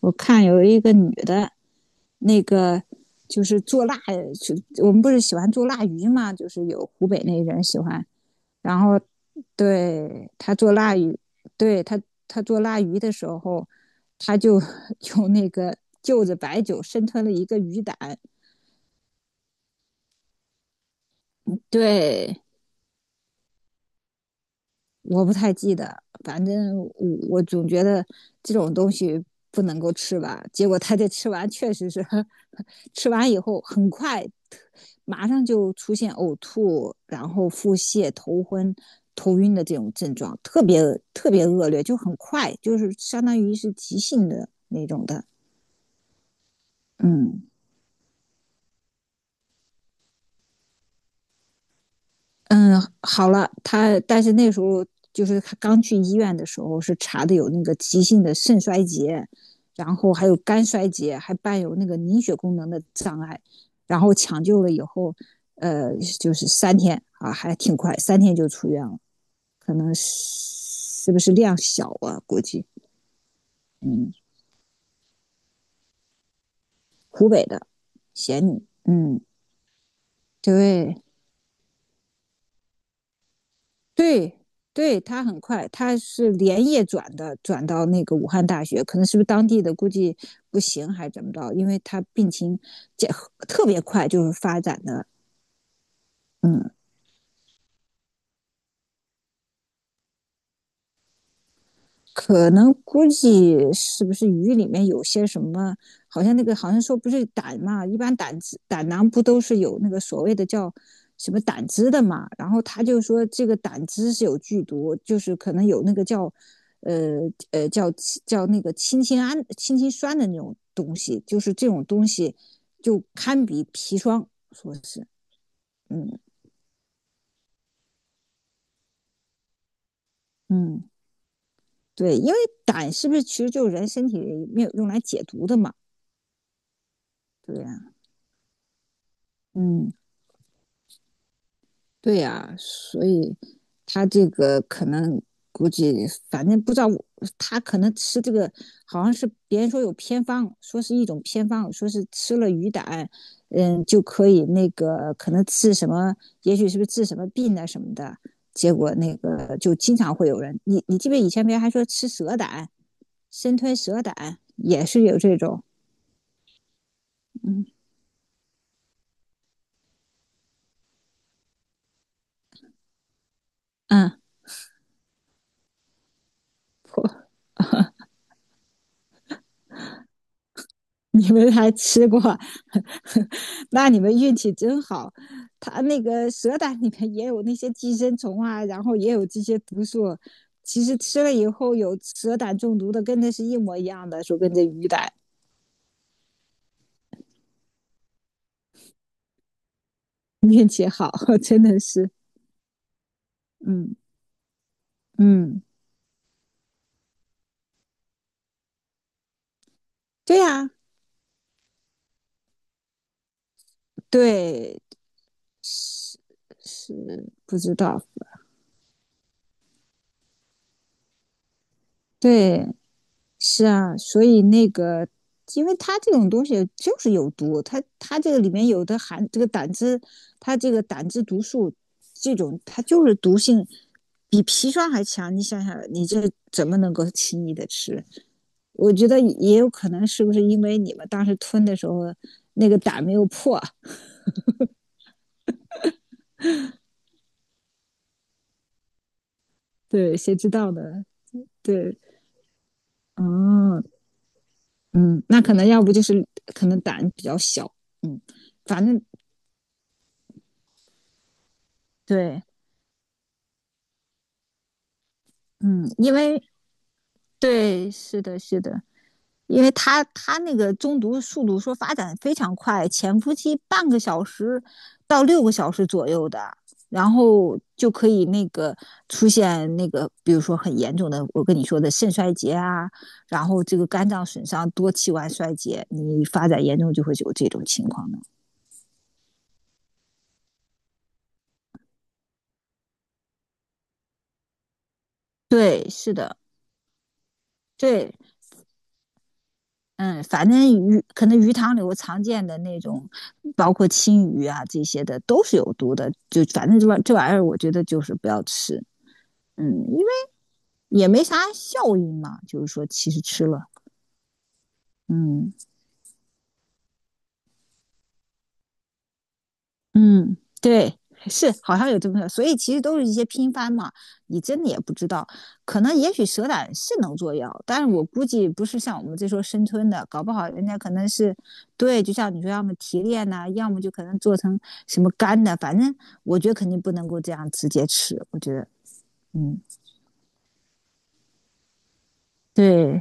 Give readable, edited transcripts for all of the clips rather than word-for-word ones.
我看有一个女的，那个就是做腊，就我们不是喜欢做腊鱼嘛，就是有湖北那人喜欢，然后对她做腊鱼，对她做腊鱼的时候，她就 用那个就着白酒生吞了一个鱼胆，对，我不太记得，反正我总觉得这种东西不能够吃完。结果他这吃完确实是，吃完以后很快，马上就出现呕吐，然后腹泻、头昏、头晕的这种症状，特别恶劣，就很快，就是相当于是急性的那种的。嗯，嗯，好了，他但是那时候就是他刚去医院的时候是查的有那个急性的肾衰竭，然后还有肝衰竭，还伴有那个凝血功能的障碍，然后抢救了以后，就是三天啊，还挺快，三天就出院了，可能是不是量小啊？估计，嗯，湖北的，咸宁，嗯，对，对，对，他很快，他是连夜转的，转到那个武汉大学，可能是不是当地的估计不行还是怎么着，因为他病情特别快，就是发展的，嗯，可能估计是不是鱼里面有些什么？好像那个好像说不是胆嘛，一般胆汁胆囊不都是有那个所谓的叫什么胆汁的嘛？然后他就说这个胆汁是有剧毒，就是可能有那个叫呃呃叫叫那个氢氰胺、氢氰酸的那种东西，就是这种东西就堪比砒霜，说是嗯嗯对，因为胆是不是其实就是人身体里面用来解毒的嘛？对呀、嗯。对呀、所以他这个可能估计，反正不知道我他可能吃这个好像是别人说有偏方，说是一种偏方，说是吃了鱼胆，嗯，就可以那个可能治什么，也许是不是治什么病啊什么的。结果那个就经常会有人，你记不记得以前别人还说吃蛇胆，生吞蛇胆也是有这种，嗯嗯，你们还吃过，那你们运气真好。它那个蛇胆里面也有那些寄生虫啊，然后也有这些毒素。其实吃了以后有蛇胆中毒的，跟那是一模一样的，说跟这鱼胆运气好，真的是，嗯嗯，对呀、啊对，是是不知道，对，是啊，所以那个，因为它这种东西就是有毒，它这个里面有的含这个胆汁，它这个胆汁毒素这种，它就是毒性比砒霜还强。你想想，你这怎么能够轻易的吃？我觉得也有可能是不是因为你们当时吞的时候那个胆没有破？对，谁知道呢？对，嗯嗯，那可能要不就是可能胆比较小，嗯，反正对，嗯，因为对，是的，是的，因为他那个中毒速度说发展非常快，潜伏期半个小时到6个小时左右的，然后就可以那个出现那个，比如说很严重的，我跟你说的肾衰竭啊，然后这个肝脏损伤、多器官衰竭，你发展严重就会有这种情况的。对，是的，对，嗯，反正鱼可能鱼塘里我常见的那种，包括青鱼啊这些的都是有毒的，就反正这玩意儿，我觉得就是不要吃，嗯，因为也没啥效应嘛，就是说其实吃了，嗯，嗯，对，是好像有这么个，所以其实都是一些拼番嘛，你真的也不知道，可能也许蛇胆是能做药，但是我估计不是像我们这说生吞的，搞不好人家可能是，对，就像你说，要么提炼呐、要么就可能做成什么干的，反正我觉得肯定不能够这样直接吃，我觉得，嗯，对，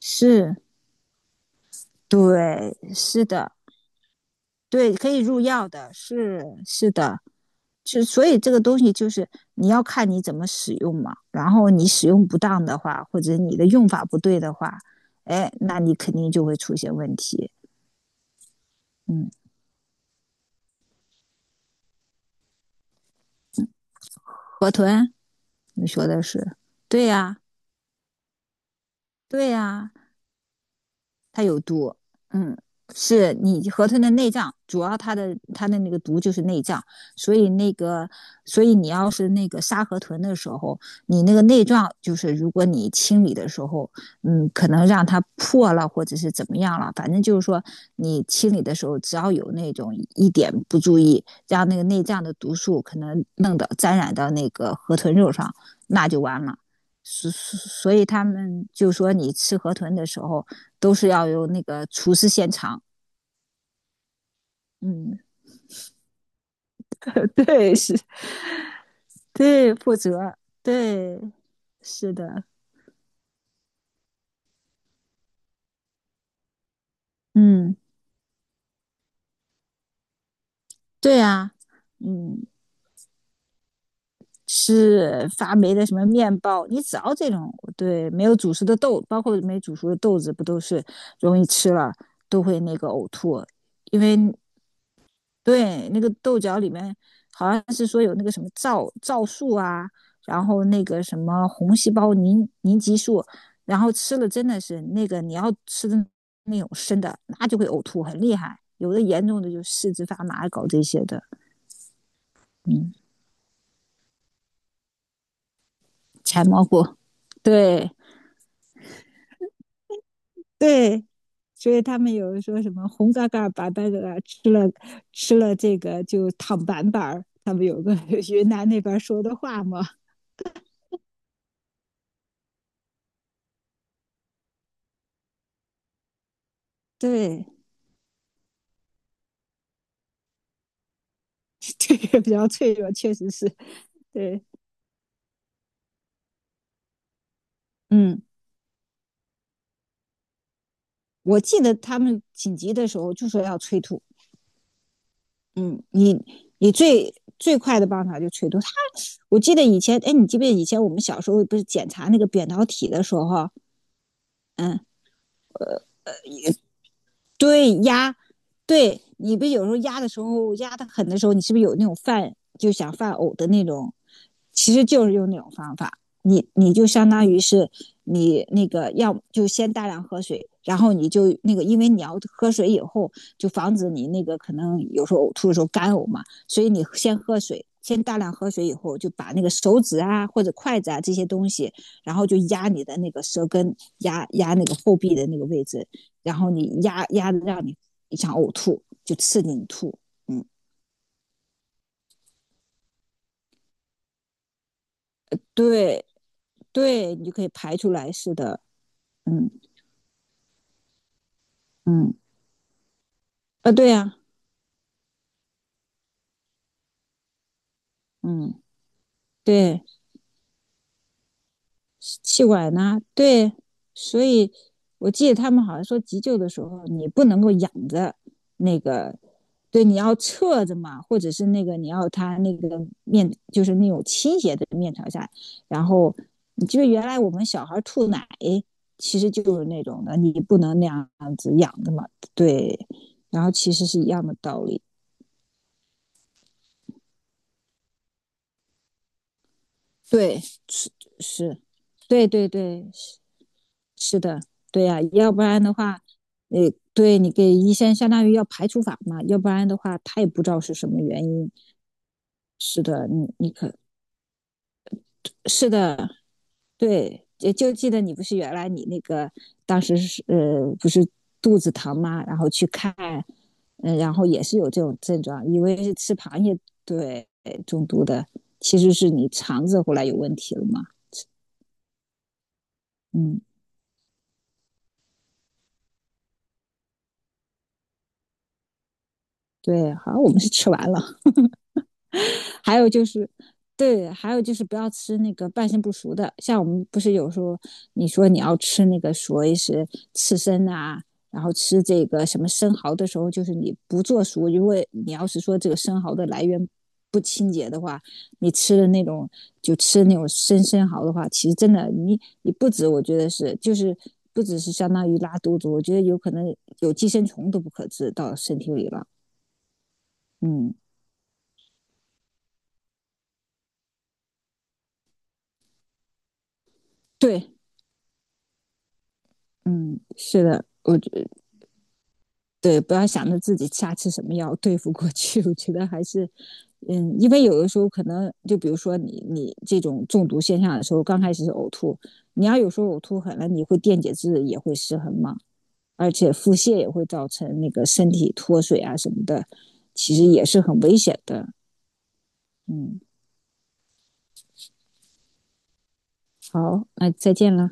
是，对，是的，对，可以入药的，是是的，就所以这个东西就是你要看你怎么使用嘛。然后你使用不当的话，或者你的用法不对的话，哎，那你肯定就会出现问题。嗯，河豚，你说的是对呀、啊对呀、啊它有毒，嗯，是你河豚的内脏，主要它的那个毒就是内脏，所以那个，所以你要是那个杀河豚的时候，你那个内脏就是如果你清理的时候，嗯，可能让它破了或者是怎么样了，反正就是说你清理的时候，只要有那种一点不注意，让那个内脏的毒素可能弄到沾染到那个河豚肉上，那就完了。所以他们就说，你吃河豚的时候，都是要有那个厨师现场。嗯 对，是，对，负责，对，是的，嗯，对啊，嗯，吃发霉的什么面包，你只要这种对没有煮熟的豆，包括没煮熟的豆子，不都是容易吃了都会那个呕吐，因为对，那个豆角里面好像是说有那个什么皂素啊，然后那个什么红细胞凝集素，然后吃了真的是那个你要吃的那种生的，那就会呕吐，很厉害。有的严重的就四肢发麻，搞这些的，嗯，柴猫菇，对对，所以他们有人说什么红嘎嘎、白白嘎嘎，吃了这个就躺板板儿，他们有个 云南那边说的话嘛，对。这个比较脆弱，确实是对。嗯，我记得他们紧急的时候就说要催吐。嗯，你你最快的办法就催吐。他我记得以前，哎，你记不记得以前我们小时候不是检查那个扁桃体的时候，嗯，对压，对你不有时候压的时候压的狠的时候，你是不是有那种犯就想犯呕的那种？其实就是用那种方法，你就相当于是你那个要就先大量喝水，然后你就那个，因为你要喝水以后，就防止你那个可能有时候呕吐的时候干呕嘛，所以你先喝水，先大量喝水以后，就把那个手指啊或者筷子啊这些东西，然后就压你的那个舌根，压那个后壁的那个位置，然后你压的让你想呕吐，就刺激你吐。嗯，对对，你就可以排出来似的。嗯嗯啊，对呀、嗯对，气管呢？啊对，所以我记得他们好像说急救的时候你不能够仰着那个，对，你要侧着嘛，或者是那个你要他那个面就是那种倾斜的面朝下，然后你就是原来我们小孩吐奶其实就是那种的，你不能那样子仰着嘛，对，然后其实是一样的道理，对，是，对对对，是的，对呀、要不然的话，对你给医生相当于要排除法嘛，要不然的话他也不知道是什么原因。是的，你你可是的，对，就就记得你不是原来你那个当时是不是肚子疼吗？然后去看，嗯、然后也是有这种症状，以为是吃螃蟹对中毒的，其实是你肠子后来有问题了嘛。嗯，对，好我们是吃完了。还有就是，对，还有就是不要吃那个半生不熟的。像我们不是有时候你说你要吃那个所谓是刺身啊，然后吃这个什么生蚝的时候，就是你不做熟，因为你要是说这个生蚝的来源不清洁的话，你吃的那种就吃那种生蚝的话，其实真的你不止，我觉得是就是不只是相当于拉肚子，我觉得有可能有寄生虫都不可治到身体里了。嗯，对，嗯，是的。我对，不要想着自己瞎吃什么药对付过去，我觉得还是，嗯，因为有的时候可能就比如说你这种中毒现象的时候，刚开始是呕吐，你要有时候呕吐狠了，你会电解质也会失衡嘛，而且腹泻也会造成那个身体脱水啊什么的，其实也是很危险的。嗯，好，那再见了。